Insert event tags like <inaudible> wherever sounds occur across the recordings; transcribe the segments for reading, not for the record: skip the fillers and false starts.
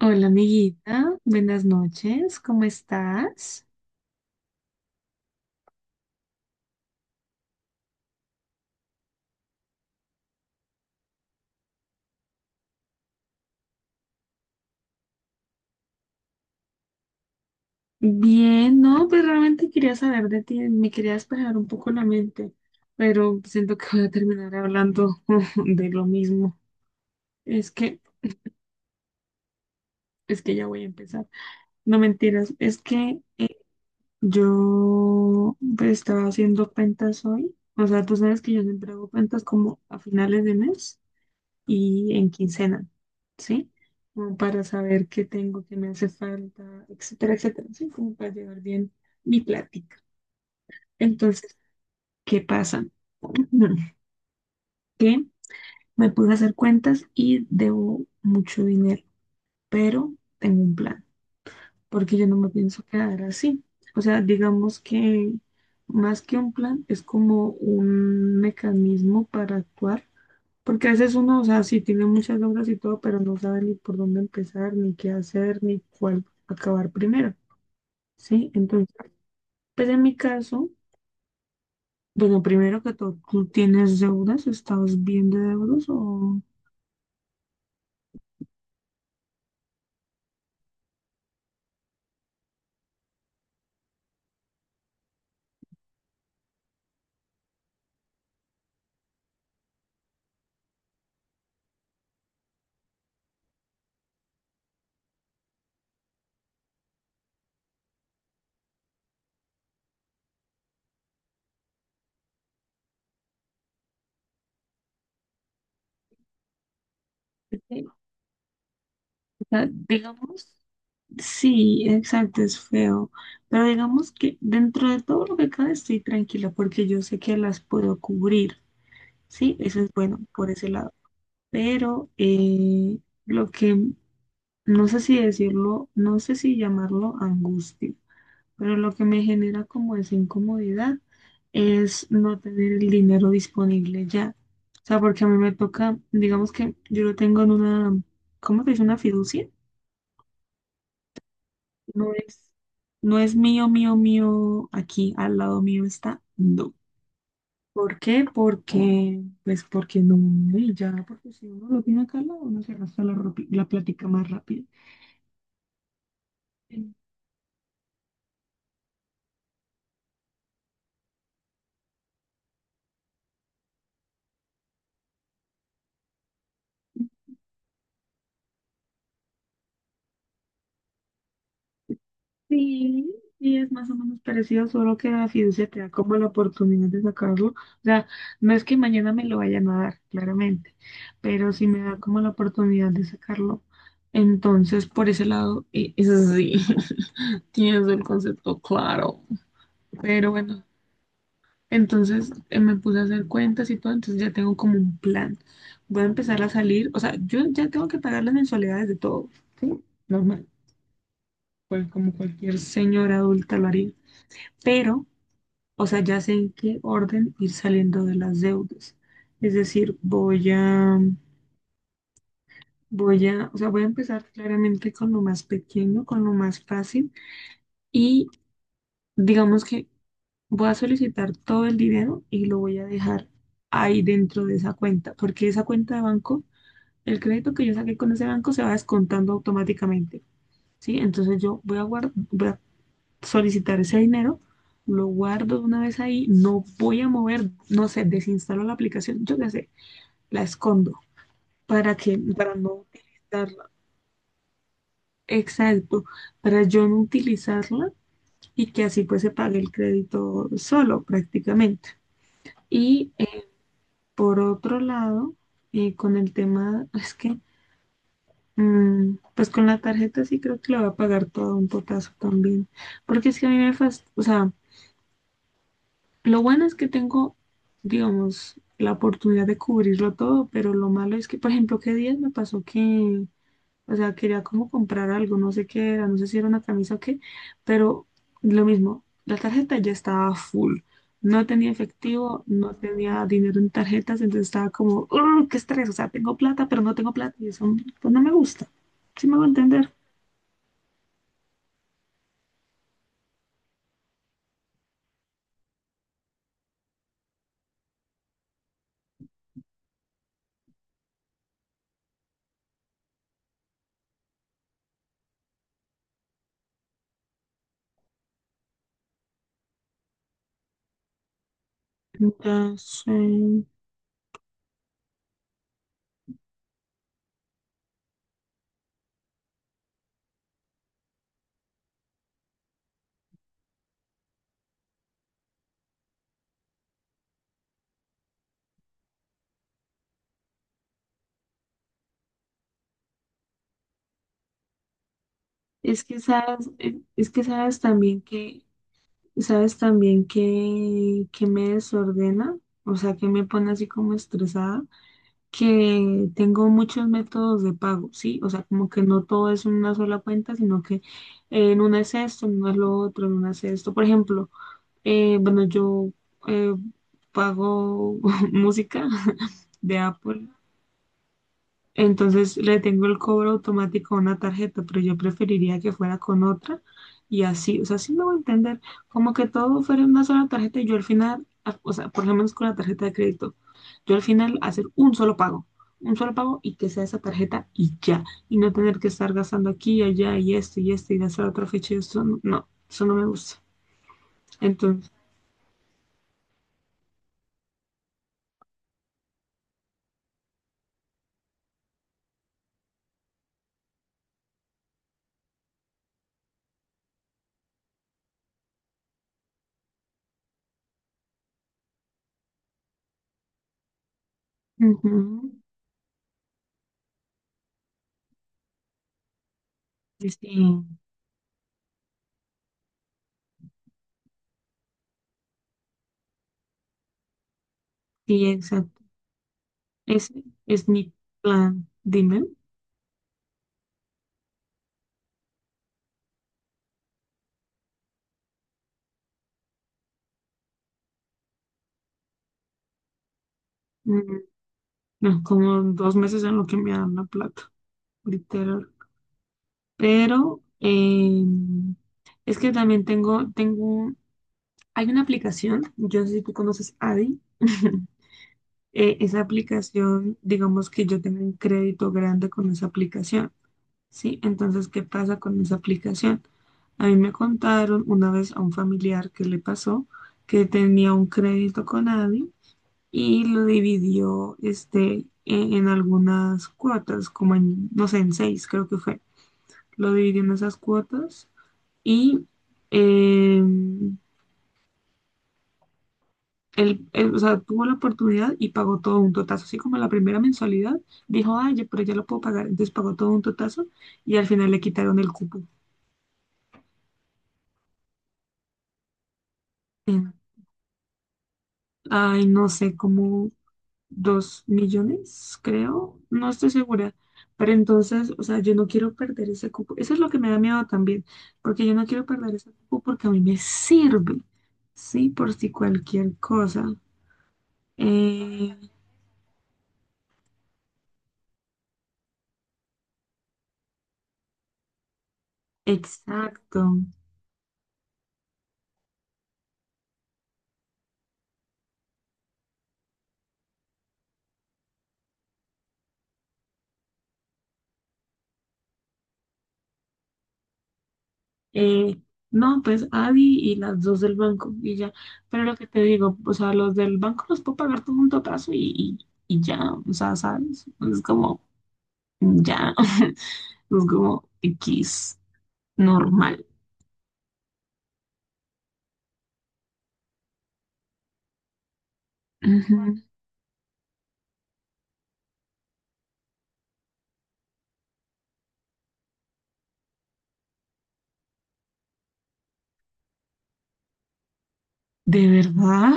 Hola amiguita, buenas noches, ¿cómo estás? Bien, no, pues realmente quería saber de ti, me quería despejar un poco la mente, pero siento que voy a terminar hablando <laughs> de lo mismo. Es que, es que ya voy a empezar. No mentiras, es que yo pues, estaba haciendo cuentas hoy, o sea, tú sabes que yo siempre hago cuentas como a finales de mes. Y en quincena, ¿sí? Como para saber qué tengo, qué me hace falta, etcétera, etcétera, ¿sí? Como para llevar bien mi plática. Entonces, ¿qué pasa? <clears throat> Que me puse a hacer cuentas y debo mucho dinero, pero tengo un plan, porque yo no me pienso quedar así. O sea, digamos que más que un plan, es como un mecanismo para actuar, porque a veces uno, o sea, sí tiene muchas obras y todo, pero no sabe ni por dónde empezar, ni qué hacer, ni cuál acabar primero, ¿sí? Entonces, pues en mi caso, bueno, primero que todo, ¿tú tienes deudas? ¿Estás bien de deudas o...? Sí. O sea, digamos... Sí, exacto, es feo. Pero digamos que dentro de todo lo que cabe estoy tranquila porque yo sé que las puedo cubrir, ¿sí? Eso es bueno por ese lado. Pero lo que, no sé si decirlo, no sé si llamarlo angustia, pero lo que me genera como esa incomodidad es no tener el dinero disponible ya. O sea, porque a mí me toca, digamos que yo lo tengo en una, ¿cómo se dice? Una fiducia. No es, no es mío, mío, mío, aquí al lado mío está, no. ¿Por qué? Porque, pues porque no, y ya, porque si uno lo tiene acá al lado, uno se arrastra la, ropi- la plática más rápido. Sí, y es más o menos parecido, solo que la fiducia te da como la oportunidad de sacarlo. O sea, no es que mañana me lo vayan a dar, claramente, pero si me da como la oportunidad de sacarlo. Entonces, por ese lado, es así. <laughs> Tienes el concepto claro. Pero bueno, entonces me puse a hacer cuentas y todo, entonces ya tengo como un plan. Voy a empezar a salir, o sea, yo ya tengo que pagar las mensualidades de todo, ¿sí? Normal, pues como cualquier señora adulta lo haría. Pero, o sea, ya sé en qué orden ir saliendo de las deudas. Es decir, voy a empezar claramente con lo más pequeño, con lo más fácil y digamos que voy a solicitar todo el dinero y lo voy a dejar ahí dentro de esa cuenta, porque esa cuenta de banco, el crédito que yo saqué con ese banco se va descontando automáticamente, ¿sí? Entonces yo voy a solicitar ese dinero, lo guardo de una vez ahí, no voy a mover, no sé, desinstalo la aplicación, yo qué sé, la escondo para que, para no utilizarla. Exacto, para yo no utilizarla y que así pues se pague el crédito solo prácticamente. Y por otro lado, con el tema, <laughs> es que, pues con la tarjeta sí creo que le voy a pagar todo un potazo también, porque es que a mí me fast, o sea, lo bueno es que tengo, digamos, la oportunidad de cubrirlo todo, pero lo malo es que, por ejemplo, qué días me pasó que o sea, quería como comprar algo, no sé qué era, no sé si era una camisa o qué, pero lo mismo, la tarjeta ya estaba full. No tenía efectivo, no tenía dinero en tarjetas, entonces estaba como, "Ugh, qué estrés, o sea, tengo plata, pero no tengo plata" y eso pues no me gusta. Sí me va a entender. Entonces, es que sabes también que, sabes también que me desordena, o sea, que me pone así como estresada que tengo muchos métodos de pago, ¿sí? O sea, como que no todo es una sola cuenta, sino que en una es esto, en una es lo otro, en una es esto. Por ejemplo, bueno, yo eh, pago <laughs> música <laughs> de Apple, entonces le tengo el cobro automático a una tarjeta, pero yo preferiría que fuera con otra y así, o sea, sí me voy a entender, como que todo fuera en una sola tarjeta y yo al final, a- o sea, por lo menos con la tarjeta de crédito, yo al final hacer un solo pago y que sea esa tarjeta y ya, y no tener que estar gastando aquí y allá y esto y esto y gastar otra fecha y esto, no, no, eso no me gusta. Entonces, ujú, sí, sí, exacto, ese es mi plan, dime. Mm, no, como 2 meses en lo que me dan la plata, literal. Pero es que también tengo, hay una aplicación, yo no sé si tú conoces Adi. <laughs> Esa aplicación, digamos que yo tengo un crédito grande con esa aplicación, ¿sí? Entonces, ¿qué pasa con esa aplicación? A mí me contaron una vez a un familiar que le pasó que tenía un crédito con Adi y lo dividió este, en algunas cuotas, como en, no sé, en 6 creo que fue. Lo dividió en esas cuotas y eh, él, o sea, tuvo la oportunidad y pagó todo un totazo, así como la primera mensualidad, dijo, ay, ya- pero ya lo puedo pagar, entonces pagó todo un totazo y al final le quitaron el cupo. Eh, Ay, no sé cómo. 2 millones, creo, no estoy segura, pero entonces, o sea, yo no quiero perder ese cupo, eso es lo que me da miedo también, porque yo no quiero perder ese cupo porque a mí me sirve, sí, por si cualquier cosa. Eh, exacto. Eh, no, pues Adi y las dos del banco y ya, pero lo que te digo, o sea, los del banco los puedo pagar todo junto a plazo y ya, o sea, ¿sabes? Es como, ya, <laughs> es como X normal. Ujú. ¿De verdad?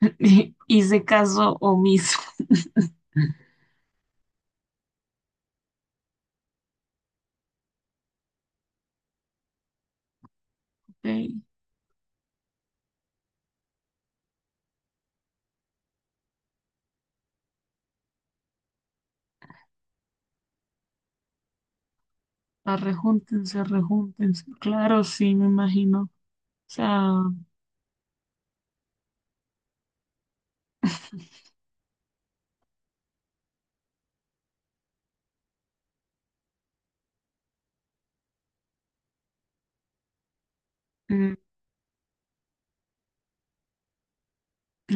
<laughs> Hice caso omiso. <laughs> Ok, arrejúntense, arrejúntense. Claro, sí, me imagino. O sea, mm,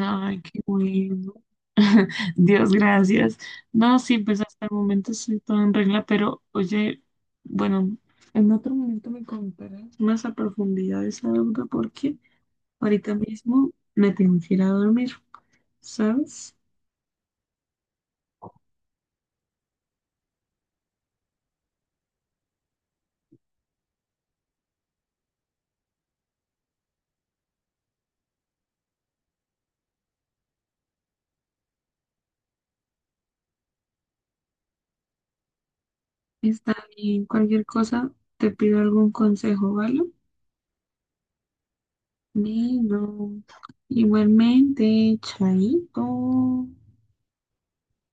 ay, qué bueno. <laughs> Dios, gracias. No, sí, pues hasta el momento estoy todo en regla, pero oye, bueno, en otro momento me contarás más a profundidad esa duda porque ahorita mismo me tengo que ir a dormir, ¿sabes? Está bien, cualquier cosa, te pido algún consejo, ¿vale? Bueno, igualmente, chaito.